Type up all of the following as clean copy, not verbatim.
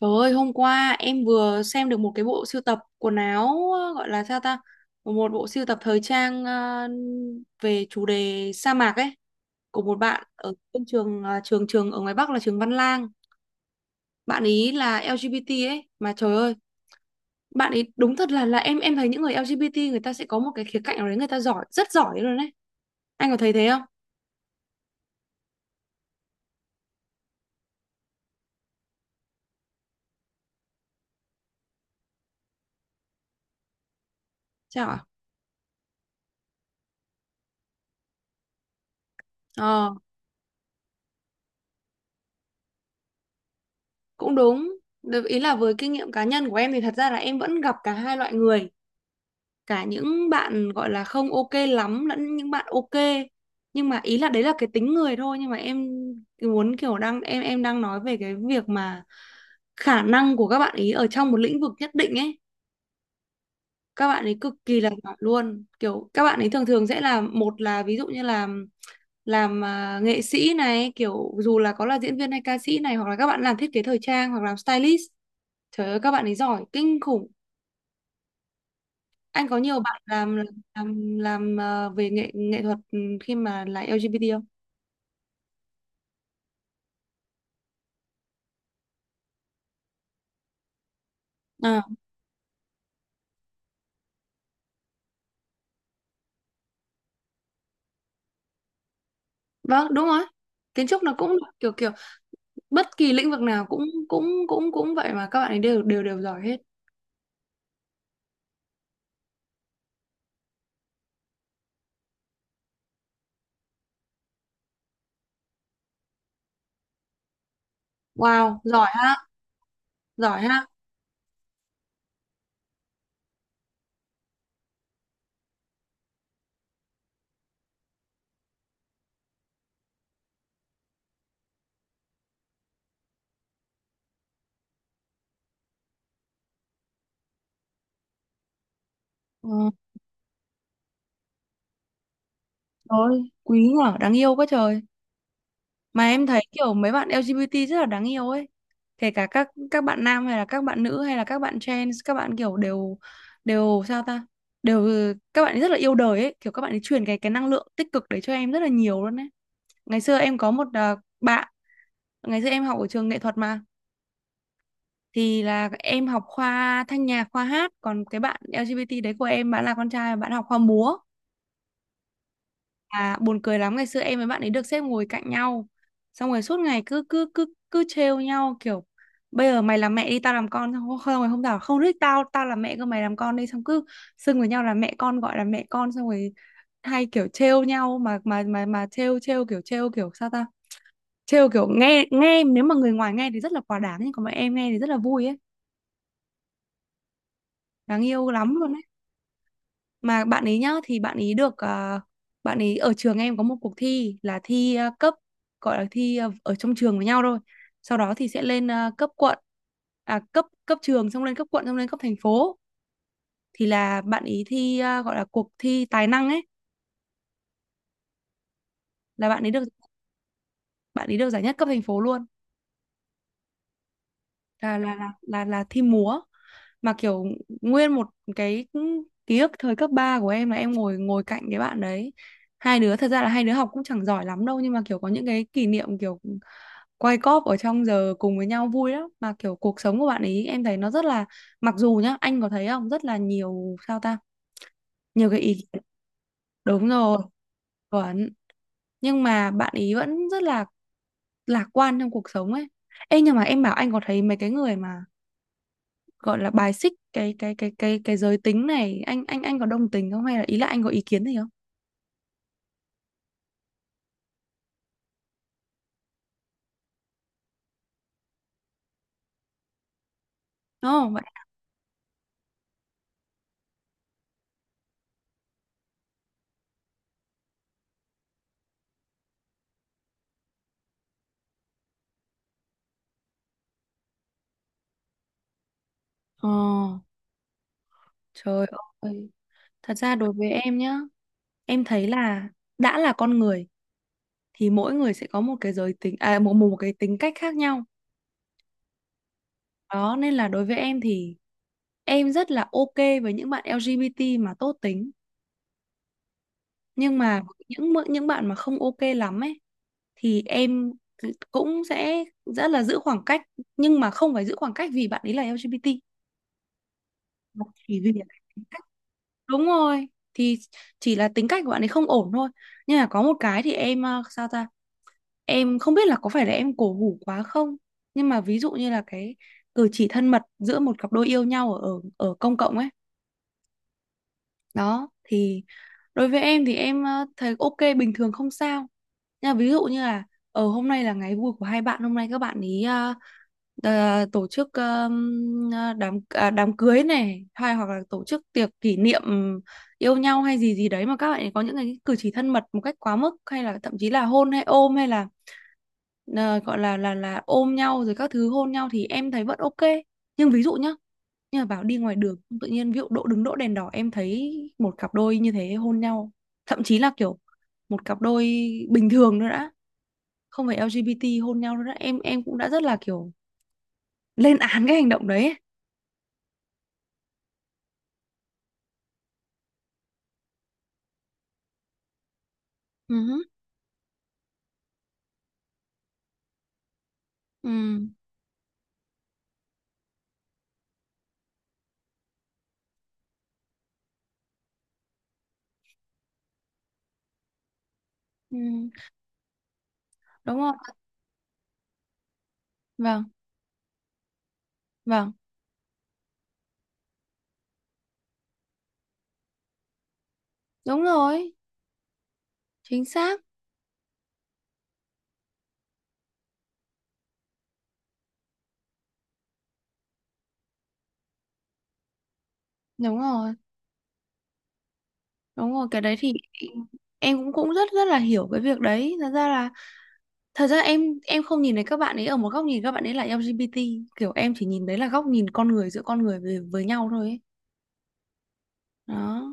Trời ơi, hôm qua em vừa xem được một cái bộ sưu tập quần áo gọi là sao ta? Một bộ sưu tập thời trang về chủ đề sa mạc ấy của một bạn ở trên trường ờ, trường trường ở ngoài Bắc là trường Văn Lang. Bạn ý là LGBT ấy mà trời ơi, bạn ý đúng thật là em thấy những người LGBT người ta sẽ có một cái khía cạnh nào đấy người ta giỏi, rất giỏi luôn đấy. Anh có thấy thế không? Sao ạ? Ờ, cũng đúng. Được, ý là với kinh nghiệm cá nhân của em thì thật ra là em vẫn gặp cả hai loại người, cả những bạn gọi là không ok lắm lẫn những bạn ok, nhưng mà ý là đấy là cái tính người thôi. Nhưng mà em muốn kiểu đang em đang nói về cái việc mà khả năng của các bạn ý ở trong một lĩnh vực nhất định ấy, các bạn ấy cực kỳ là giỏi luôn, kiểu các bạn ấy thường thường sẽ là một là ví dụ như là làm nghệ sĩ này, kiểu dù là có là diễn viên hay ca sĩ này, hoặc là các bạn làm thiết kế thời trang hoặc làm stylist, trời ơi các bạn ấy giỏi kinh khủng. Anh có nhiều bạn làm làm về nghệ nghệ thuật ừ, khi mà là LGBT không? À, vâng, đúng rồi. Kiến trúc nó cũng kiểu kiểu bất kỳ lĩnh vực nào cũng cũng vậy mà các bạn ấy đều đều đều giỏi hết. Wow, giỏi ha, giỏi ha. Ờ, trời quý nhở, đáng yêu quá trời. Mà em thấy kiểu mấy bạn LGBT rất là đáng yêu ấy, kể cả các bạn nam hay là các bạn nữ hay là các bạn trans, các bạn kiểu đều đều sao ta đều các bạn ấy rất là yêu đời ấy, kiểu các bạn ấy truyền cái năng lượng tích cực đấy cho em rất là nhiều luôn ấy. Ngày xưa em có một bạn, ngày xưa em học ở trường nghệ thuật mà, thì là em học khoa thanh nhạc khoa hát, còn cái bạn LGBT đấy của em bạn là con trai, bạn học khoa múa. À, buồn cười lắm, ngày xưa em với bạn ấy được xếp ngồi cạnh nhau, xong rồi suốt ngày cứ cứ cứ cứ trêu nhau kiểu bây giờ mày làm mẹ đi tao làm con, xong rồi không không ngày hôm nào không thích tao tao làm mẹ cơ mày làm con đi, xong cứ xưng với nhau là mẹ con, gọi là mẹ con, xong rồi hay kiểu trêu nhau mà mà trêu trêu kiểu sao ta, trêu kiểu nghe nghe nếu mà người ngoài nghe thì rất là quá đáng, nhưng còn mà em nghe thì rất là vui ấy, đáng yêu lắm luôn. Mà bạn ấy nhá, thì bạn ấy được bạn ấy ở trường em có một cuộc thi là thi cấp, gọi là thi ở trong trường với nhau thôi, sau đó thì sẽ lên cấp quận, à cấp cấp trường xong lên cấp quận xong lên cấp thành phố, thì là bạn ấy thi gọi là cuộc thi tài năng ấy, là bạn ấy được giải nhất cấp thành phố luôn, là là thi múa mà kiểu nguyên một cái ký ức thời cấp 3 của em là em ngồi ngồi cạnh cái bạn đấy. Hai đứa thật ra là hai đứa học cũng chẳng giỏi lắm đâu, nhưng mà kiểu có những cái kỷ niệm kiểu quay cóp ở trong giờ cùng với nhau vui lắm, mà kiểu cuộc sống của bạn ấy em thấy nó rất là mặc dù nhá anh có thấy không rất là nhiều sao ta nhiều cái ý kiến. Đúng rồi, chuẩn, nhưng mà bạn ý vẫn rất là lạc quan trong cuộc sống ấy. Ê nhưng mà em bảo anh có thấy mấy cái người mà gọi là bài xích cái cái giới tính này, anh anh có đồng tình không hay là ý là anh có ý kiến gì không? Đúng vậy. Ờ, trời ơi, thật ra đối với em nhá, em thấy là đã là con người thì mỗi người sẽ có một cái giới tính à một một cái tính cách khác nhau, đó nên là đối với em thì em rất là ok với những bạn LGBT mà tốt tính, nhưng mà với những mỡ- những bạn mà không ok lắm ấy thì em cũng sẽ rất là giữ khoảng cách, nhưng mà không phải giữ khoảng cách vì bạn ấy là LGBT, học chỉ vì là tính cách. Đúng rồi, thì chỉ là tính cách của bạn ấy không ổn thôi. Nhưng mà có một cái thì em sao ta, em không biết là có phải là em cổ hủ quá không, nhưng mà ví dụ như là cái cử chỉ thân mật giữa một cặp đôi yêu nhau ở ở công cộng ấy, đó thì đối với em thì em thấy ok bình thường không sao. Thế là ví dụ như là ở hôm nay là ngày vui của hai bạn, hôm nay các bạn ý tổ chức ờ, đám đám cưới này hay hoặc là tổ chức tiệc kỷ niệm yêu nhau hay gì gì đấy, mà các bạn ấy có những cái cử chỉ thân mật một cách quá mức, hay là thậm chí là hôn hay ôm hay là ờ, gọi là là ôm nhau rồi các thứ hôn nhau thì em thấy vẫn ok. Nhưng ví dụ nhá, như là bảo đi ngoài đường tự nhiên ví dụ đỗ đứng đỗ đèn đỏ em thấy một cặp đôi như thế hôn nhau, thậm chí là kiểu một cặp đôi bình thường nữa đã không phải LGBT hôn nhau đâu, đó em cũng đã rất là kiểu lên án cái hành động đấy ấy. Ừ, ừ, ừ, đúng rồi, vâng, vâng, đúng rồi, chính xác, đúng rồi. Đúng rồi cái đấy thì em cũng cũng rất rất là hiểu cái việc đấy, thật ra là thật ra em không nhìn thấy các bạn ấy ở một góc nhìn các bạn ấy là LGBT, kiểu em chỉ nhìn đấy là góc nhìn con người giữa con người với nhau thôi ấy. Đó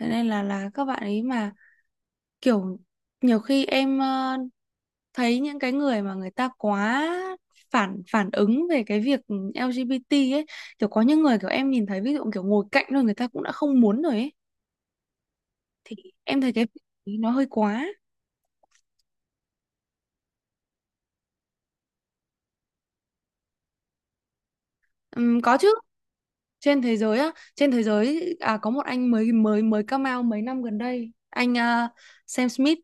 thế nên là các bạn ấy mà kiểu nhiều khi em thấy những cái người mà người ta quá phản phản ứng về cái việc LGBT ấy, kiểu có những người kiểu em nhìn thấy ví dụ kiểu ngồi cạnh rồi người ta cũng đã không muốn rồi ấy, thì em thấy cái việc nó hơi quá. Có chứ, trên thế giới á, trên thế giới à, có một anh mới mới mới come out mấy năm gần đây, anh Sam Smith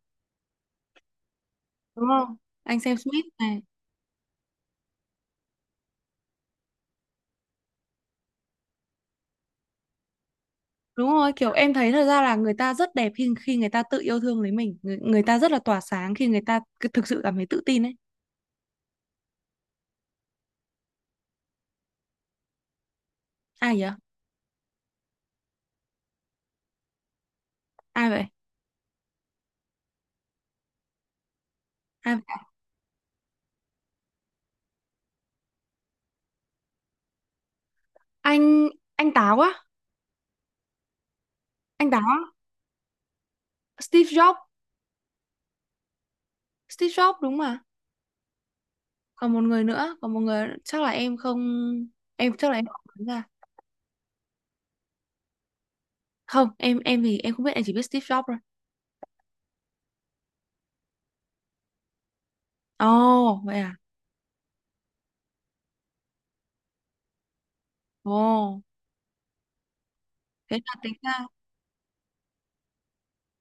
đúng không, anh Sam Smith này. Đúng rồi, kiểu em thấy thật ra là người ta rất đẹp khi khi người ta tự yêu thương lấy mình, người, người ta rất là tỏa sáng khi người ta thực sự cảm thấy tự tin ấy. Ai vậy? Ai vậy? Ai anh? Anh táo á? Anh táo á? Steve Jobs. Steve Jobs đúng mà. Còn một người nữa, còn một người chắc là em không, em chắc là em không nhớ ra. Không em thì em không biết, em chỉ biết Steve Jobs thôi. Ồ vậy à? Ồ, thế là tính ra,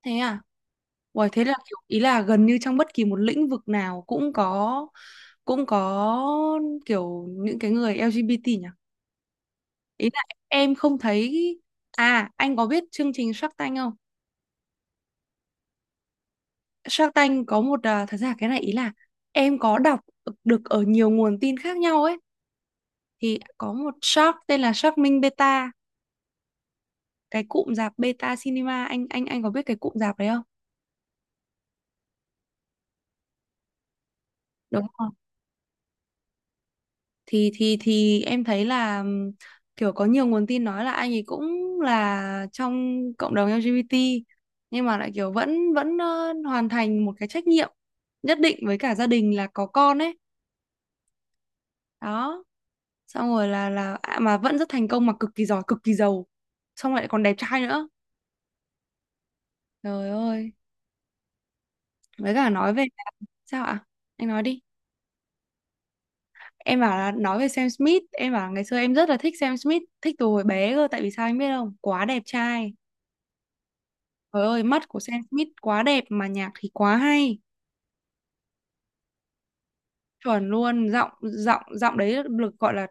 thế à? Uầy, thế là kiểu ý là gần như trong bất kỳ một lĩnh vực nào cũng có, cũng có kiểu những cái người LGBT nhỉ. Ý là em không thấy, à anh có biết chương trình Shark Tank không? Shark Tank có một thật ra cái này ý là em có đọc được ở nhiều nguồn tin khác nhau ấy, thì có một shark tên là Shark Minh Beta, cái cụm rạp Beta Cinema, anh anh có biết cái cụm rạp đấy không? Đúng không? Thì em thấy là kiểu có nhiều nguồn tin nói là anh ấy cũng là trong cộng đồng LGBT, nhưng mà lại kiểu vẫn vẫn hoàn thành một cái trách nhiệm nhất định với cả gia đình là có con ấy, đó xong rồi là mà vẫn rất thành công mà cực kỳ giỏi cực kỳ giàu, xong lại còn đẹp trai nữa. Trời ơi, với cả nói về sao ạ, anh nói đi. Em bảo là nói về Sam Smith, em bảo là ngày xưa em rất là thích Sam Smith, thích từ hồi bé cơ, tại vì sao anh biết không, quá đẹp trai, trời ơi mắt của Sam Smith quá đẹp mà nhạc thì quá hay, chuẩn luôn, giọng giọng giọng đấy được gọi là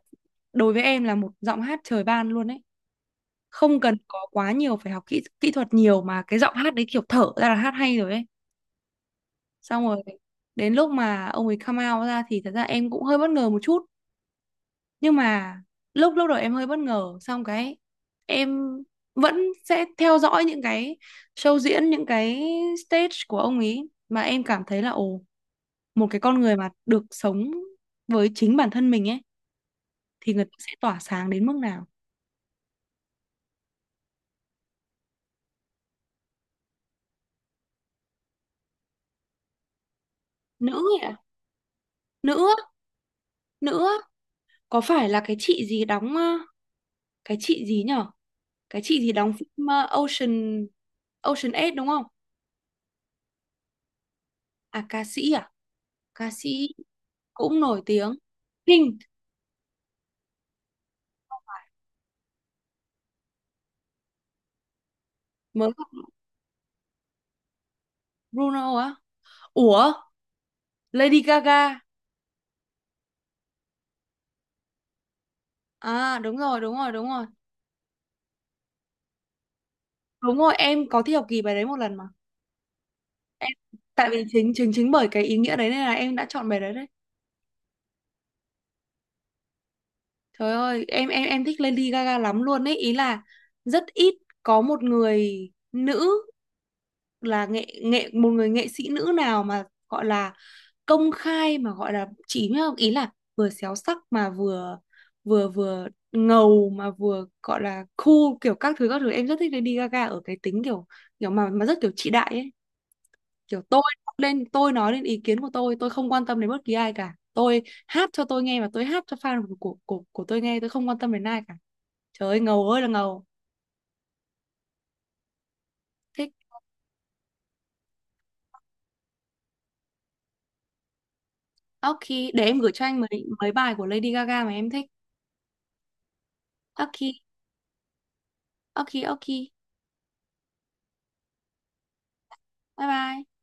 đối với em là một giọng hát trời ban luôn ấy, không cần có quá nhiều phải học kỹ kỹ thuật nhiều mà cái giọng hát đấy kiểu thở ra là hát hay rồi ấy, xong rồi đến lúc mà ông ấy come out ra thì thật ra em cũng hơi bất ngờ một chút. Nhưng mà lúc lúc đầu em hơi bất ngờ xong cái em vẫn sẽ theo dõi những cái show diễn những cái stage của ông ấy mà em cảm thấy là ồ, một cái con người mà được sống với chính bản thân mình ấy thì người ta sẽ tỏa sáng đến mức nào. Nữ ấy ạ? Nữ á, nữ á. Có phải là cái chị gì đóng cái chị gì nhở, cái chị gì đóng phim Ocean, Ocean 8 đúng không? À ca sĩ à? Ca sĩ cũng nổi tiếng. Pink? Mới gặp Bruno á. Ủa, Lady Gaga. À đúng rồi, đúng rồi, đúng rồi. Đúng rồi, em có thi học kỳ bài đấy một lần mà. Em tại vì chính chính chính bởi cái ý nghĩa đấy nên là em đã chọn bài đấy đấy. Trời ơi, em thích Lady Gaga lắm luôn ấy, ý là rất ít có một người nữ là nghệ nghệ một người nghệ sĩ nữ nào mà gọi là công khai mà gọi là chỉ nhá, ý là vừa xéo sắc mà vừa vừa vừa ngầu mà vừa gọi là cool kiểu các thứ em rất thích Lady Gaga ở cái tính kiểu kiểu mà rất kiểu chị đại ấy, kiểu tôi lên tôi nói lên ý kiến của tôi không quan tâm đến bất kỳ ai cả, tôi hát cho tôi nghe và tôi hát cho fan của của tôi nghe, tôi không quan tâm đến ai cả, trời ơi ngầu ơi là ngầu, thích. Ok, để em gửi cho anh mấy mấy bài của Lady Gaga mà em thích. Ok, ok, ok, bye bye.